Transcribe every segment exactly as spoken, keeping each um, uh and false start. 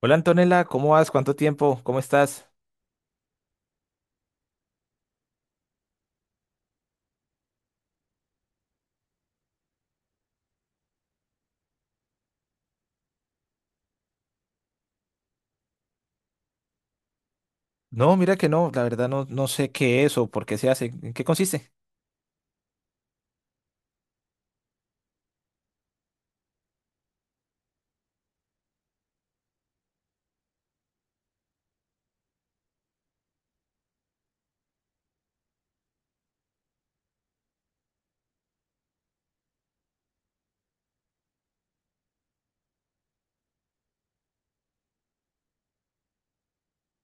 Hola Antonella, ¿cómo vas? ¿Cuánto tiempo? ¿Cómo estás? No, mira que no, la verdad no, no sé qué es o por qué se hace, en qué consiste.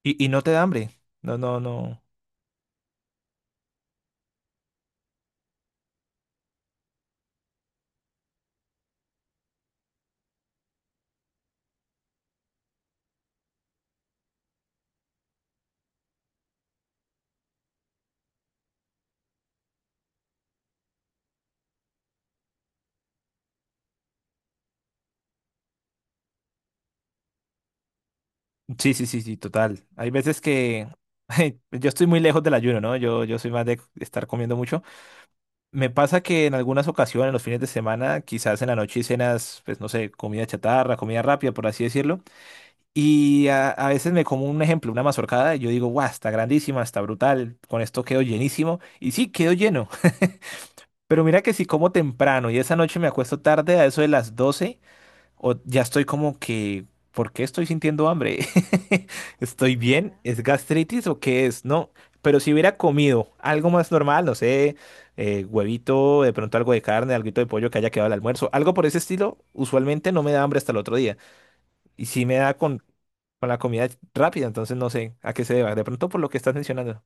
Y, y no te da hambre. No, no, no. Sí, sí, sí, sí, total. Hay veces que yo estoy muy lejos del ayuno, ¿no? Yo, yo soy más de estar comiendo mucho. Me pasa que en algunas ocasiones, los fines de semana, quizás en la noche y cenas, pues no sé, comida chatarra, comida rápida, por así decirlo. Y a, a veces me como un ejemplo, una mazorcada, y yo digo, guau, está grandísima, está brutal, con esto quedo llenísimo. Y sí, quedo lleno. Pero mira que si como temprano y esa noche me acuesto tarde a eso de las doce o ya estoy como que, ¿por qué estoy sintiendo hambre? ¿Estoy bien? ¿Es gastritis o qué es? No, pero si hubiera comido algo más normal, no sé, eh, huevito, de pronto algo de carne, algo de pollo que haya quedado al almuerzo, algo por ese estilo, usualmente no me da hambre hasta el otro día. Y si me da con, con la comida rápida, entonces no sé a qué se deba. De pronto por lo que estás mencionando.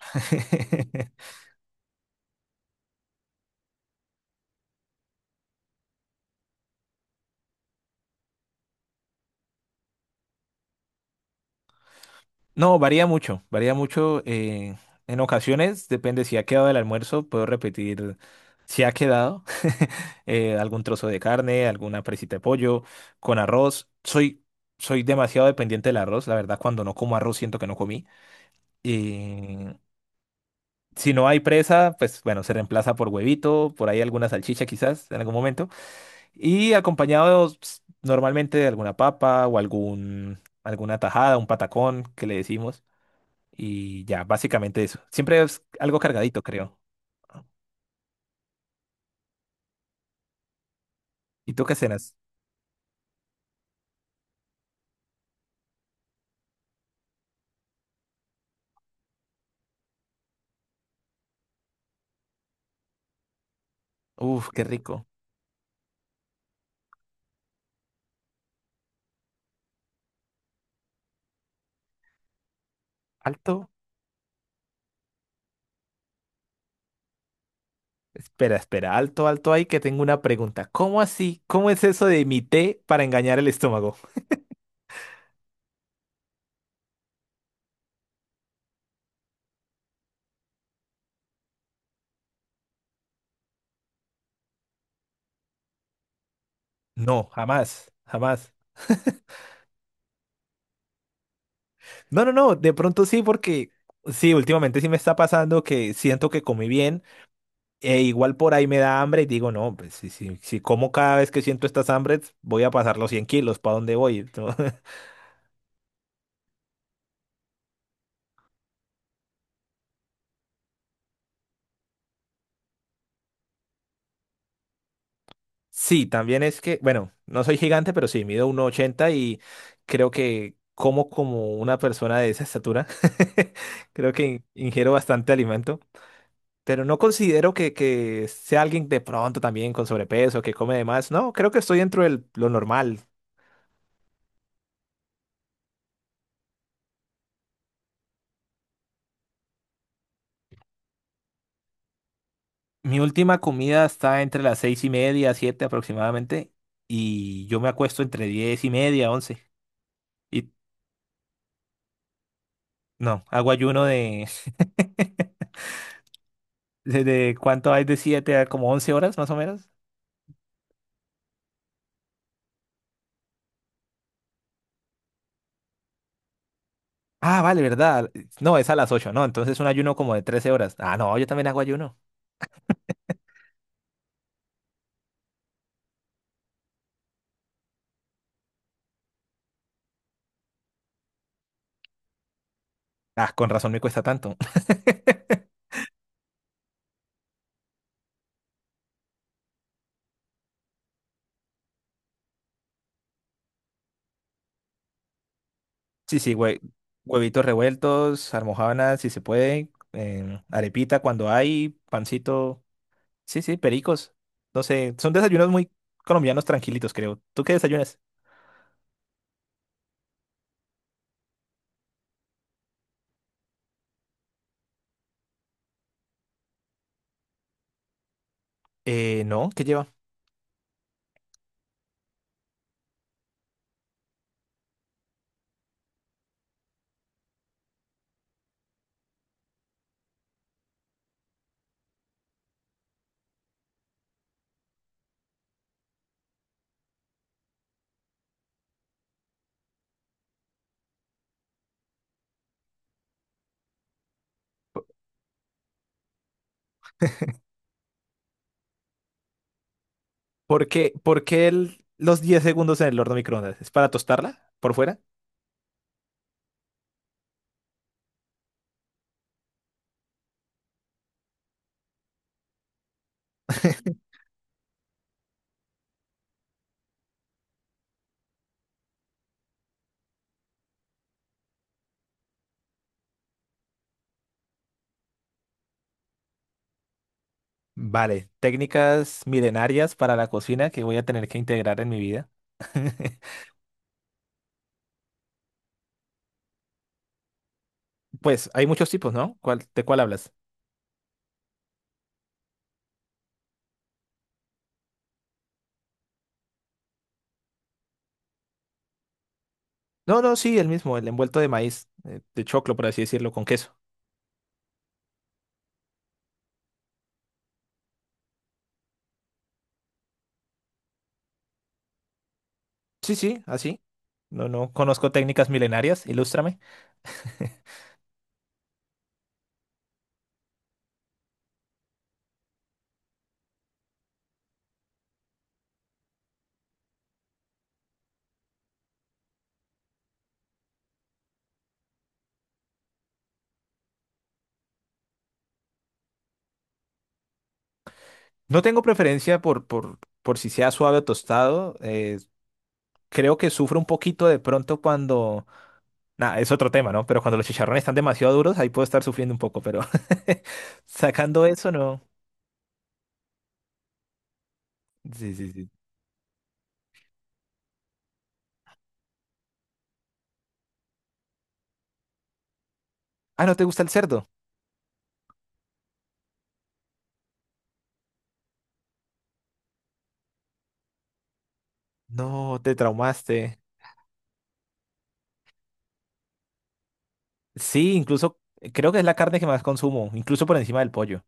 No, varía mucho, varía mucho. Eh, en ocasiones, depende si ha quedado el almuerzo, puedo repetir si ha quedado eh, algún trozo de carne, alguna presita de pollo, con arroz. Soy, soy demasiado dependiente del arroz, la verdad, cuando no como arroz siento que no comí. Y si no hay presa, pues bueno, se reemplaza por huevito, por ahí alguna salchicha quizás en algún momento. Y acompañado pues, normalmente de alguna papa o algún, alguna tajada, un patacón que le decimos. Y ya, básicamente eso. Siempre es algo cargadito, creo. ¿Y tú qué cenas? Uf, qué rico. Alto. Espera, espera, alto, alto ahí que tengo una pregunta. ¿Cómo así? ¿Cómo es eso de mi té para engañar el estómago? No, jamás, jamás. No, no, no, de pronto sí, porque sí, últimamente sí me está pasando que siento que comí bien e igual por ahí me da hambre y digo, no, pues si, si, si como cada vez que siento estas hambres, voy a pasar los cien kilos, ¿para dónde voy? Sí, también es que, bueno, no soy gigante, pero sí, mido uno ochenta y creo que como como una persona de esa estatura. Creo que in- ingiero bastante alimento, pero no considero que, que sea alguien de pronto también con sobrepeso, que come de más. No, creo que estoy dentro de lo normal. Mi última comida está entre las seis y media, siete aproximadamente, y yo me acuesto entre diez y media, once. Y no, hago ayuno de, de, de- ¿cuánto hay de siete a como once horas más o menos? Ah, vale, ¿verdad? No, es a las ocho, ¿no? Entonces un ayuno como de trece horas. Ah, no, yo también hago ayuno. Ah, con razón me cuesta tanto. Sí, sí, güey. Huevitos revueltos, almojábanas si se puede, em, arepita cuando hay, pancito. Sí, sí, pericos. No sé, son desayunos muy colombianos tranquilitos, creo. ¿Tú qué desayunas? Eh, no, ¿qué lleva? ¿Por qué, por qué el- los diez segundos en el horno microondas? ¿Es para tostarla por fuera? Vale, técnicas milenarias para la cocina que voy a tener que integrar en mi vida. Pues hay muchos tipos, ¿no? ¿Cuál- ¿de cuál hablas? No, no, sí, el mismo, el envuelto de maíz, eh, de choclo, por así decirlo, con queso. Sí, sí, así. No, no conozco técnicas milenarias, ilústrame. No tengo preferencia por, por, por si sea suave o tostado. Eh, creo que sufro un poquito de pronto cuando... Nah, es otro tema, ¿no? Pero cuando los chicharrones están demasiado duros, ahí puedo estar sufriendo un poco, pero sacando eso, no. Sí, sí, sí. Ah, ¿no te gusta el cerdo? No, te traumaste. Sí, incluso eh, creo que es la carne que más consumo, incluso por encima del pollo.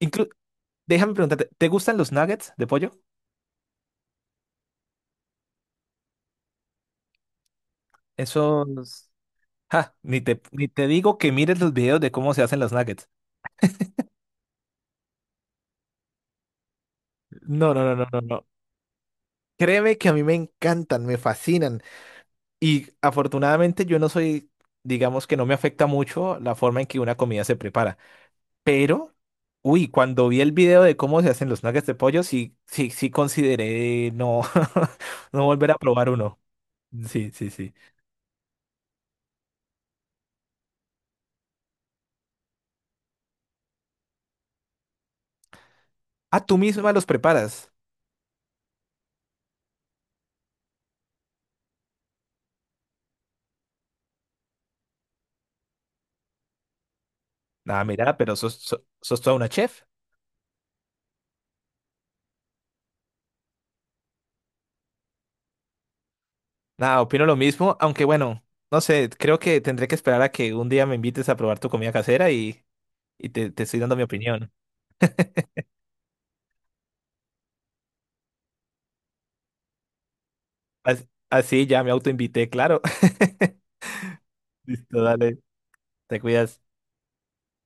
Inclu- Déjame preguntarte, ¿te gustan los nuggets de pollo? Esos... Ja, ni te, ni te digo que mires los videos de cómo se hacen los nuggets. No, no, no, no, no, no. Créeme que a mí me encantan, me fascinan. Y afortunadamente yo no soy, digamos que no me afecta mucho la forma en que una comida se prepara. Pero, uy, cuando vi el video de cómo se hacen los nuggets de pollo, sí, sí, sí consideré no, no volver a probar uno. Sí, sí, sí. Ah, tú misma los preparas. Nada, mira, pero sos, so- sos toda una chef. Nada, opino lo mismo, aunque bueno, no sé, creo que tendré que esperar a que un día me invites a probar tu comida casera y, y te, te estoy dando mi opinión. As- Así ya me autoinvité, claro. Listo, dale, te cuidas.